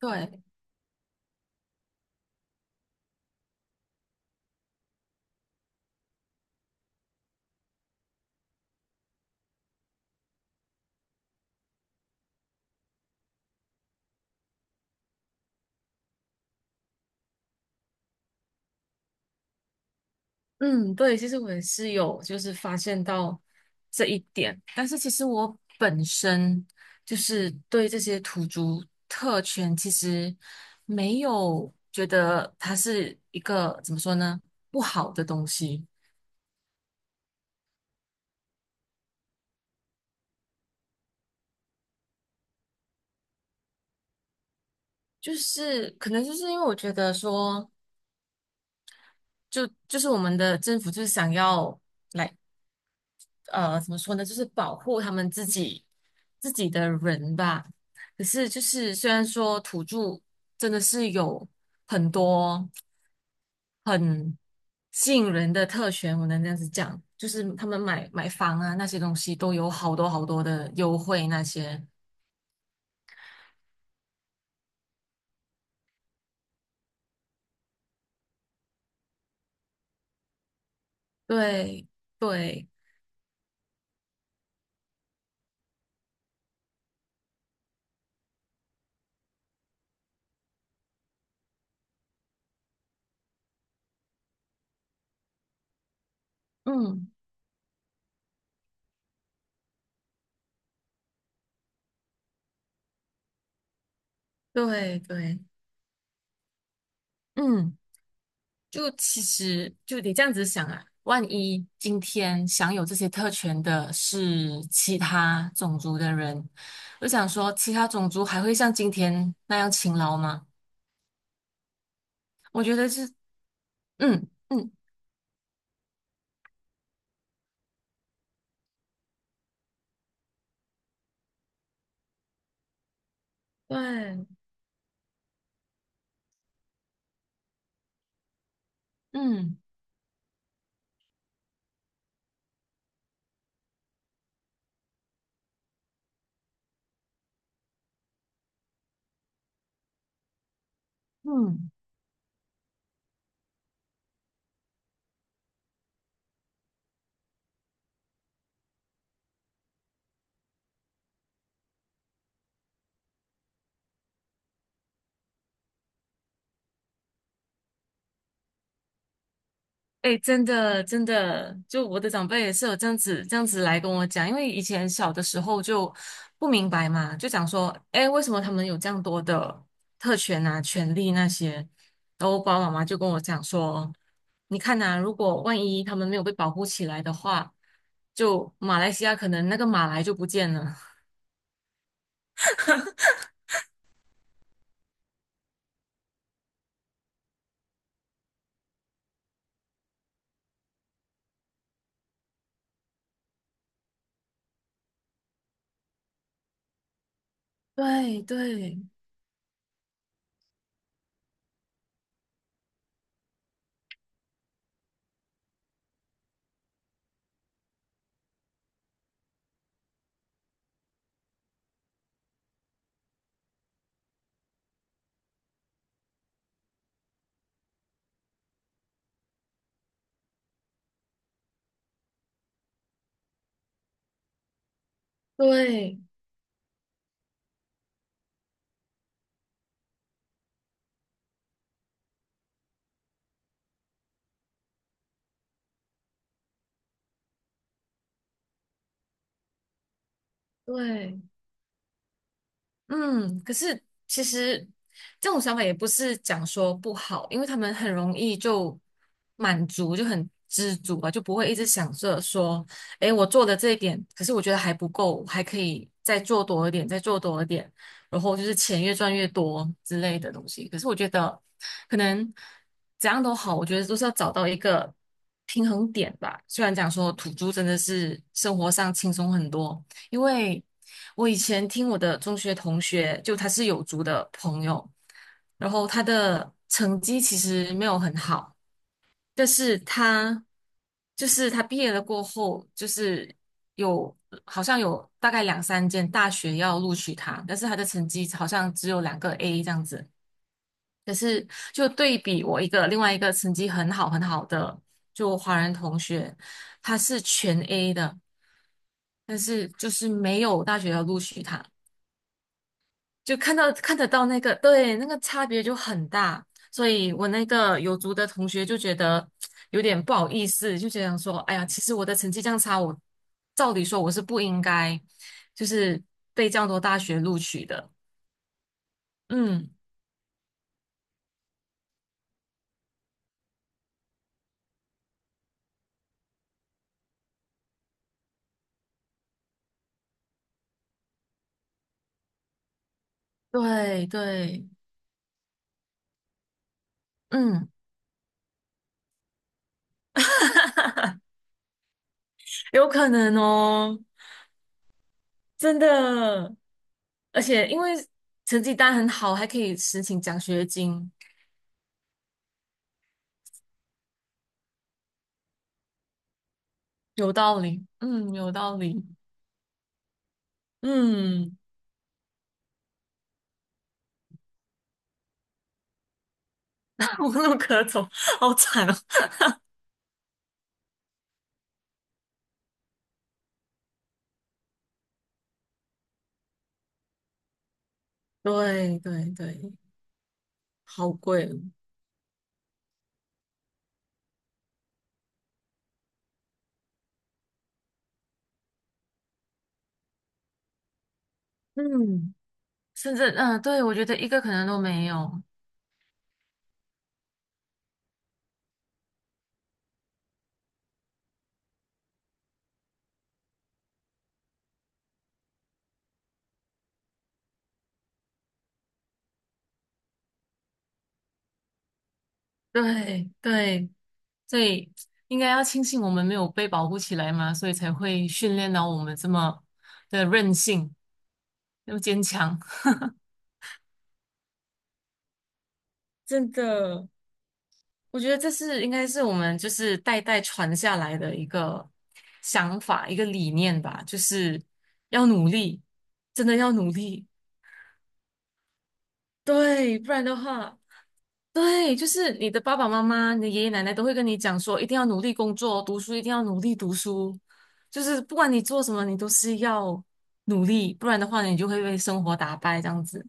对，嗯，对，其实我也是有就是发现到这一点，但是其实我本身就是对这些土著特权其实没有觉得它是一个怎么说呢不好的东西，就是可能就是因为我觉得说，就是我们的政府就是想要。来。怎么说呢，就是保护他们自己的人吧。可是就是虽然说土著真的是有很多很吸引人的特权，我能这样子讲，就是他们买房啊那些东西都有好多好多的优惠那些。对对，嗯，对对，嗯。就其实就得这样子想啊，万一今天享有这些特权的是其他种族的人，我就想说，其他种族还会像今天那样勤劳吗？我觉得是，嗯嗯对。嗯嗯。哎，真的，真的，就我的长辈也是有这样子来跟我讲，因为以前小的时候就不明白嘛，就讲说，哎，为什么他们有这样多的特权啊、权利那些？然后我爸爸妈妈就跟我讲说，你看呐、如果万一他们没有被保护起来的话，就马来西亚可能那个马来就不见了。对对对对，嗯，可是其实这种想法也不是讲说不好，因为他们很容易就满足，就很知足吧，就不会一直想着说，诶，我做的这一点，可是我觉得还不够，还可以再做多一点，再做多一点，然后就是钱越赚越多之类的东西。可是我觉得，可能怎样都好，我觉得都是要找到一个平衡点吧。虽然讲说土著真的是生活上轻松很多。因为我以前听我的中学同学，就他是有族的朋友，然后他的成绩其实没有很好，但是他就是他毕业了过后，就是有好像有大概两三间大学要录取他，但是他的成绩好像只有两个 A 这样子。可是就对比我一个另外一个成绩很好很好的就华人同学，他是全 A 的，但是就是没有大学要录取他，就看得到那个对那个差别就很大，所以我那个有族的同学就觉得有点不好意思，就觉得说，哎呀，其实我的成绩这样差，我照理说我是不应该就是被这样多大学录取的，嗯，对对，嗯。有可能哦，真的。而且因为成绩单很好，还可以申请奖学金，有道理。嗯，有道理。嗯，无路可走，好惨哦。对对对，好贵哦。嗯，甚至对，我觉得一个可能都没有。对对，所以应该要庆幸我们没有被保护起来嘛，所以才会训练到我们这么的韧性，又坚强。真的。我觉得这是应该是我们就是代代传下来的一个想法，一个理念吧，就是要努力，真的要努力，对，不然的话，对，就是你的爸爸妈妈、你的爷爷奶奶都会跟你讲说，一定要努力工作，读书一定要努力读书，就是不管你做什么，你都是要努力，不然的话，你就会被生活打败这样子。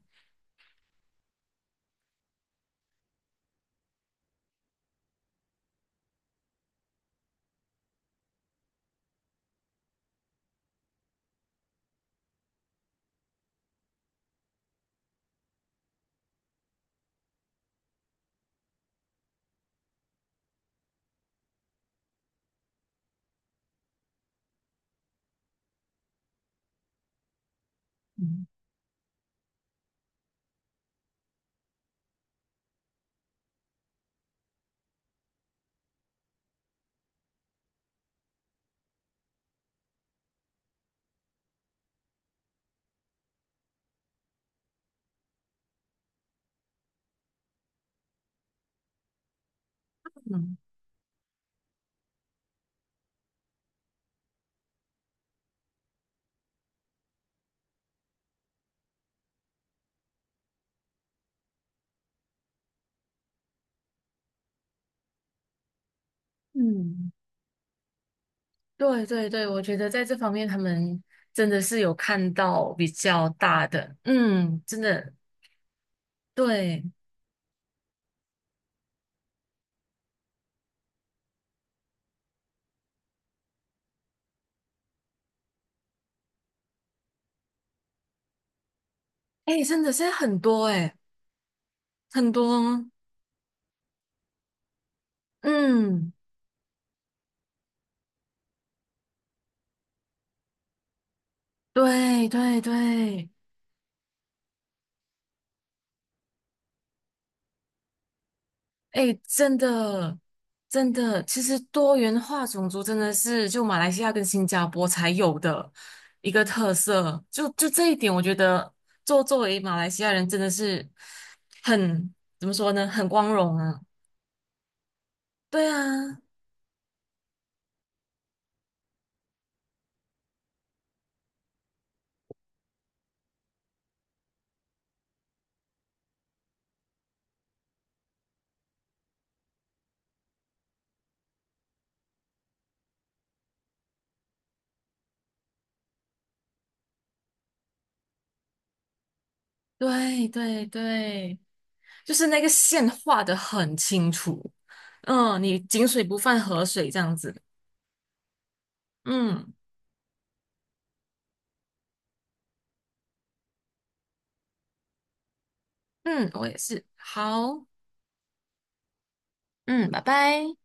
嗯嗯。嗯。对对对，我觉得在这方面他们真的是有看到比较大的，嗯，真的对，哎，真的是很多哎，很多，嗯，对对对，哎，真的真的，其实多元化种族真的是就马来西亚跟新加坡才有的一个特色，就这一点，我觉得作为马来西亚人真的是很怎么说呢，很光荣啊，对啊。对对对，就是那个线画的很清楚，嗯，你井水不犯河水这样子，嗯嗯，我也是，好，嗯，拜拜。